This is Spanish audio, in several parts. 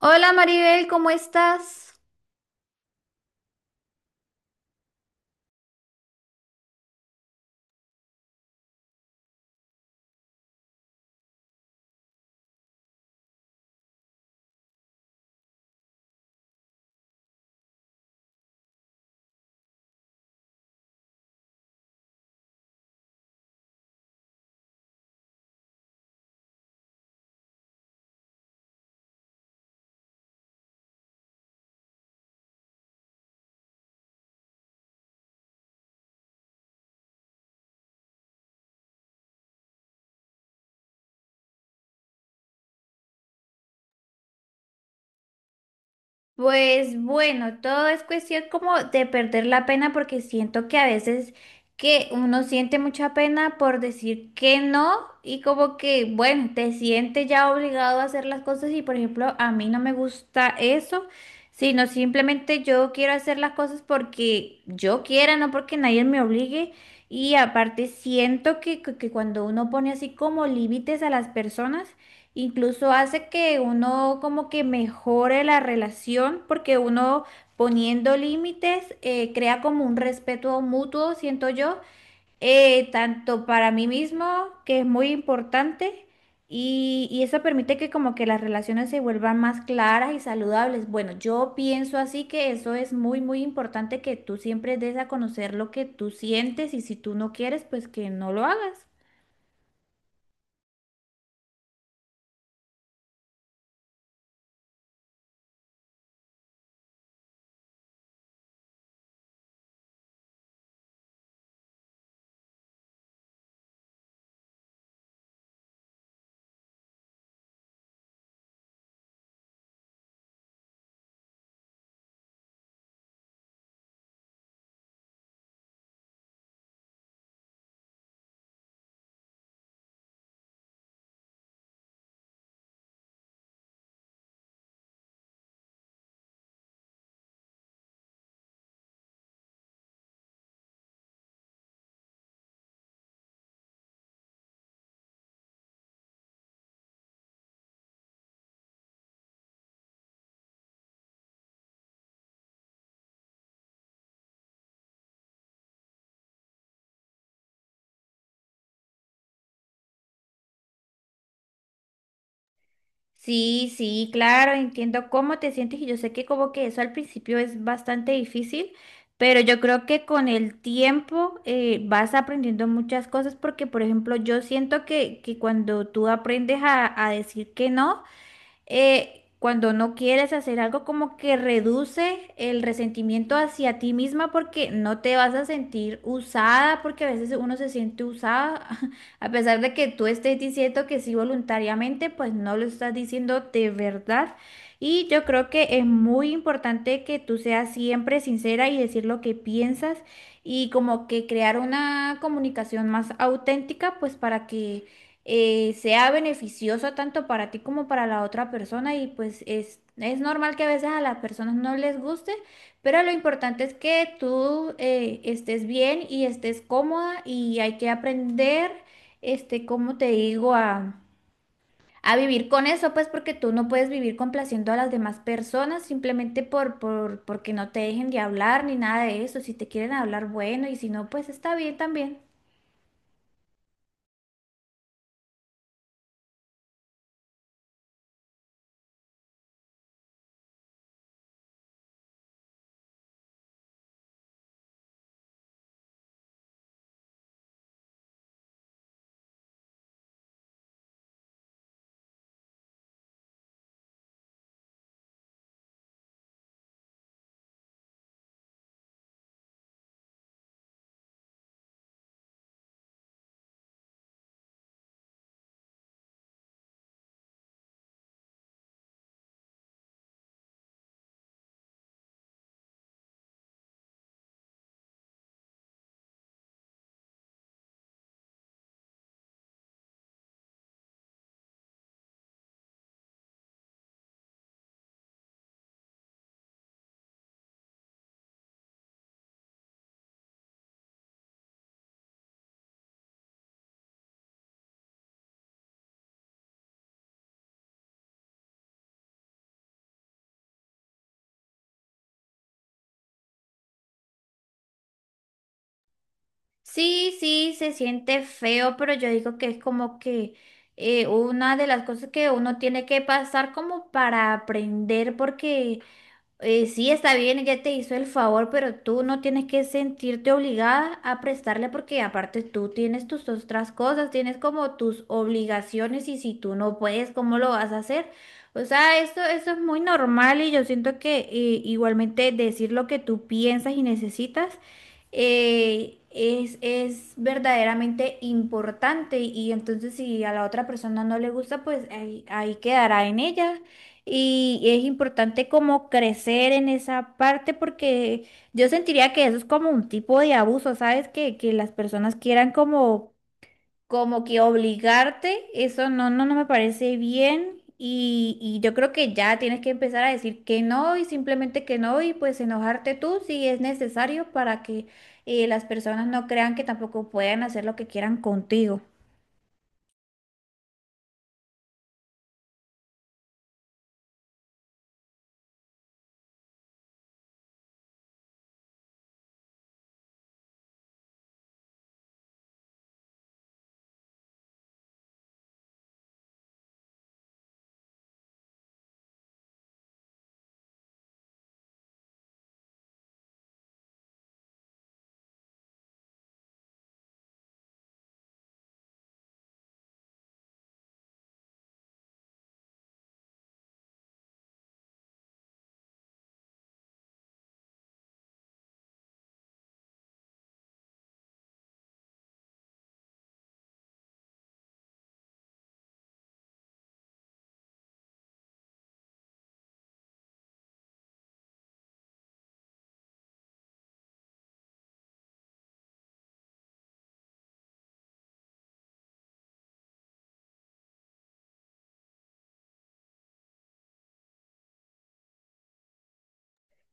Hola Maribel, ¿cómo estás? Pues bueno, todo es cuestión como de perder la pena porque siento que a veces que uno siente mucha pena por decir que no y como que, bueno, te sientes ya obligado a hacer las cosas y por ejemplo a mí no me gusta eso, sino simplemente yo quiero hacer las cosas porque yo quiera, no porque nadie me obligue y aparte siento que cuando uno pone así como límites a las personas, incluso hace que uno como que mejore la relación porque uno poniendo límites crea como un respeto mutuo, siento yo, tanto para mí mismo, que es muy importante, y eso permite que como que las relaciones se vuelvan más claras y saludables. Bueno, yo pienso así que eso es muy, muy importante que tú siempre des a conocer lo que tú sientes y si tú no quieres, pues que no lo hagas. Sí, sí, claro, entiendo cómo te sientes y yo sé que como que eso al principio es bastante difícil, pero yo creo que con el tiempo vas aprendiendo muchas cosas porque, por ejemplo, yo siento que cuando tú aprendes a decir que no, cuando no quieres hacer algo, como que reduce el resentimiento hacia ti misma porque no te vas a sentir usada, porque a veces uno se siente usada, a pesar de que tú estés diciendo que sí voluntariamente, pues no lo estás diciendo de verdad. Y yo creo que es muy importante que tú seas siempre sincera y decir lo que piensas y como que crear una comunicación más auténtica, pues para que sea beneficioso tanto para ti como para la otra persona y pues es normal que a veces a las personas no les guste, pero lo importante es que tú estés bien y estés cómoda y hay que aprender, este, como te digo, a vivir con eso, pues porque tú no puedes vivir complaciendo a las demás personas simplemente por, porque no te dejen de hablar ni nada de eso, si te quieren hablar, bueno, y si no, pues está bien también. Sí, sí, se siente feo, pero yo digo que es como que una de las cosas que uno tiene que pasar como para aprender, porque sí, está bien, ella te hizo el favor, pero tú no tienes que sentirte obligada a prestarle porque aparte tú tienes tus otras cosas, tienes como tus obligaciones y si tú no puedes, ¿cómo lo vas a hacer? O sea, esto es muy normal y yo siento que igualmente decir lo que tú piensas y necesitas es verdaderamente importante y entonces si a la otra persona no le gusta, pues ahí quedará en ella. Y es importante como crecer en esa parte porque yo sentiría que eso es como un tipo de abuso, ¿sabes? Que las personas quieran como, como que obligarte, eso no, no, no me parece bien. Y yo creo que ya tienes que empezar a decir que no y simplemente que no y pues enojarte tú si es necesario para que las personas no crean que tampoco pueden hacer lo que quieran contigo.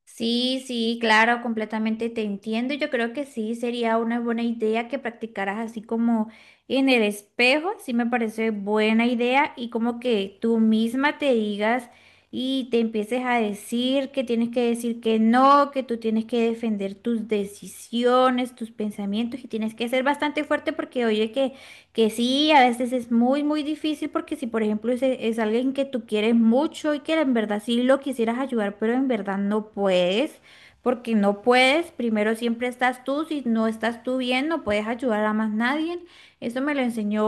Sí, sí, claro, completamente te entiendo. Yo creo que sí, sería una buena idea que practicaras así como en el espejo, sí me parece buena idea y como que tú misma te digas y te empieces a decir que tienes que decir que no, que tú tienes que defender tus decisiones, tus pensamientos y tienes que ser bastante fuerte porque oye que sí, a veces es muy, muy difícil porque si, por ejemplo, es alguien que tú quieres mucho y que en verdad sí lo quisieras ayudar, pero en verdad no puedes, porque no puedes, primero siempre estás tú, si no estás tú bien, no puedes ayudar a más nadie. Eso me lo enseñó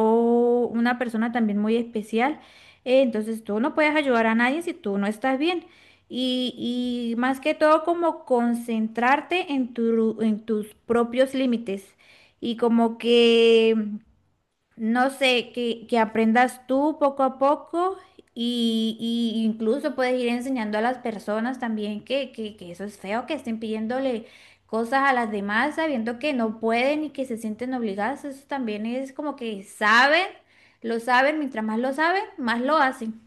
una persona también muy especial. Entonces tú no puedes ayudar a nadie si tú no estás bien. Y más que todo como concentrarte en tu, en tus propios límites. Y como que no sé, que aprendas tú poco a poco y incluso puedes ir enseñando a las personas también que eso es feo, que estén pidiéndole cosas a las demás sabiendo que no pueden y que se sienten obligadas. Eso también es como que saben, lo saben, mientras más lo saben, más lo hacen.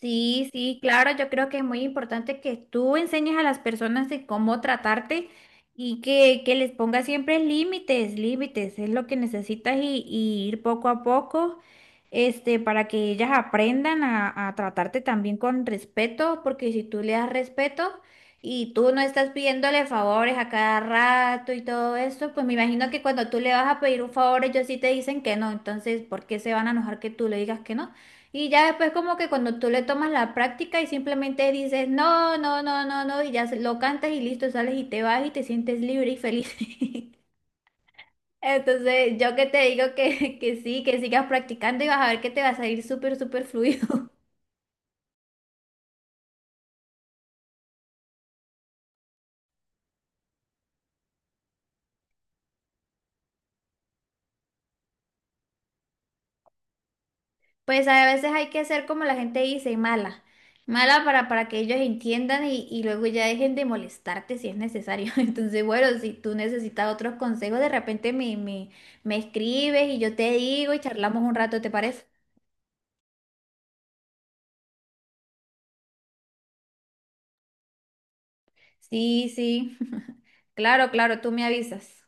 Sí, sí, claro, yo creo que es muy importante que tú enseñes a las personas de cómo tratarte y que les pongas siempre límites, límites, es lo que necesitas y ir poco a poco, este, para que ellas aprendan a tratarte también con respeto, porque si tú le das respeto y tú no estás pidiéndole favores a cada rato y todo eso, pues me imagino que cuando tú le vas a pedir un favor, ellos sí te dicen que no, entonces, ¿por qué se van a enojar que tú le digas que no? Y ya después como que cuando tú le tomas la práctica y simplemente dices, no, no, no, no, no, y ya se- lo cantas y listo, sales y te vas y te sientes libre y feliz. Entonces, yo que te digo que sí, que sigas practicando y vas a ver que te va a salir súper, súper fluido. Pues a veces hay que hacer como la gente dice, mala. Mala para que ellos entiendan y luego ya dejen de molestarte si es necesario. Entonces, bueno, si tú necesitas otros consejos, de repente me escribes y yo te digo y charlamos un rato, ¿te parece? Sí, sí. Claro, claro, tú me avisas.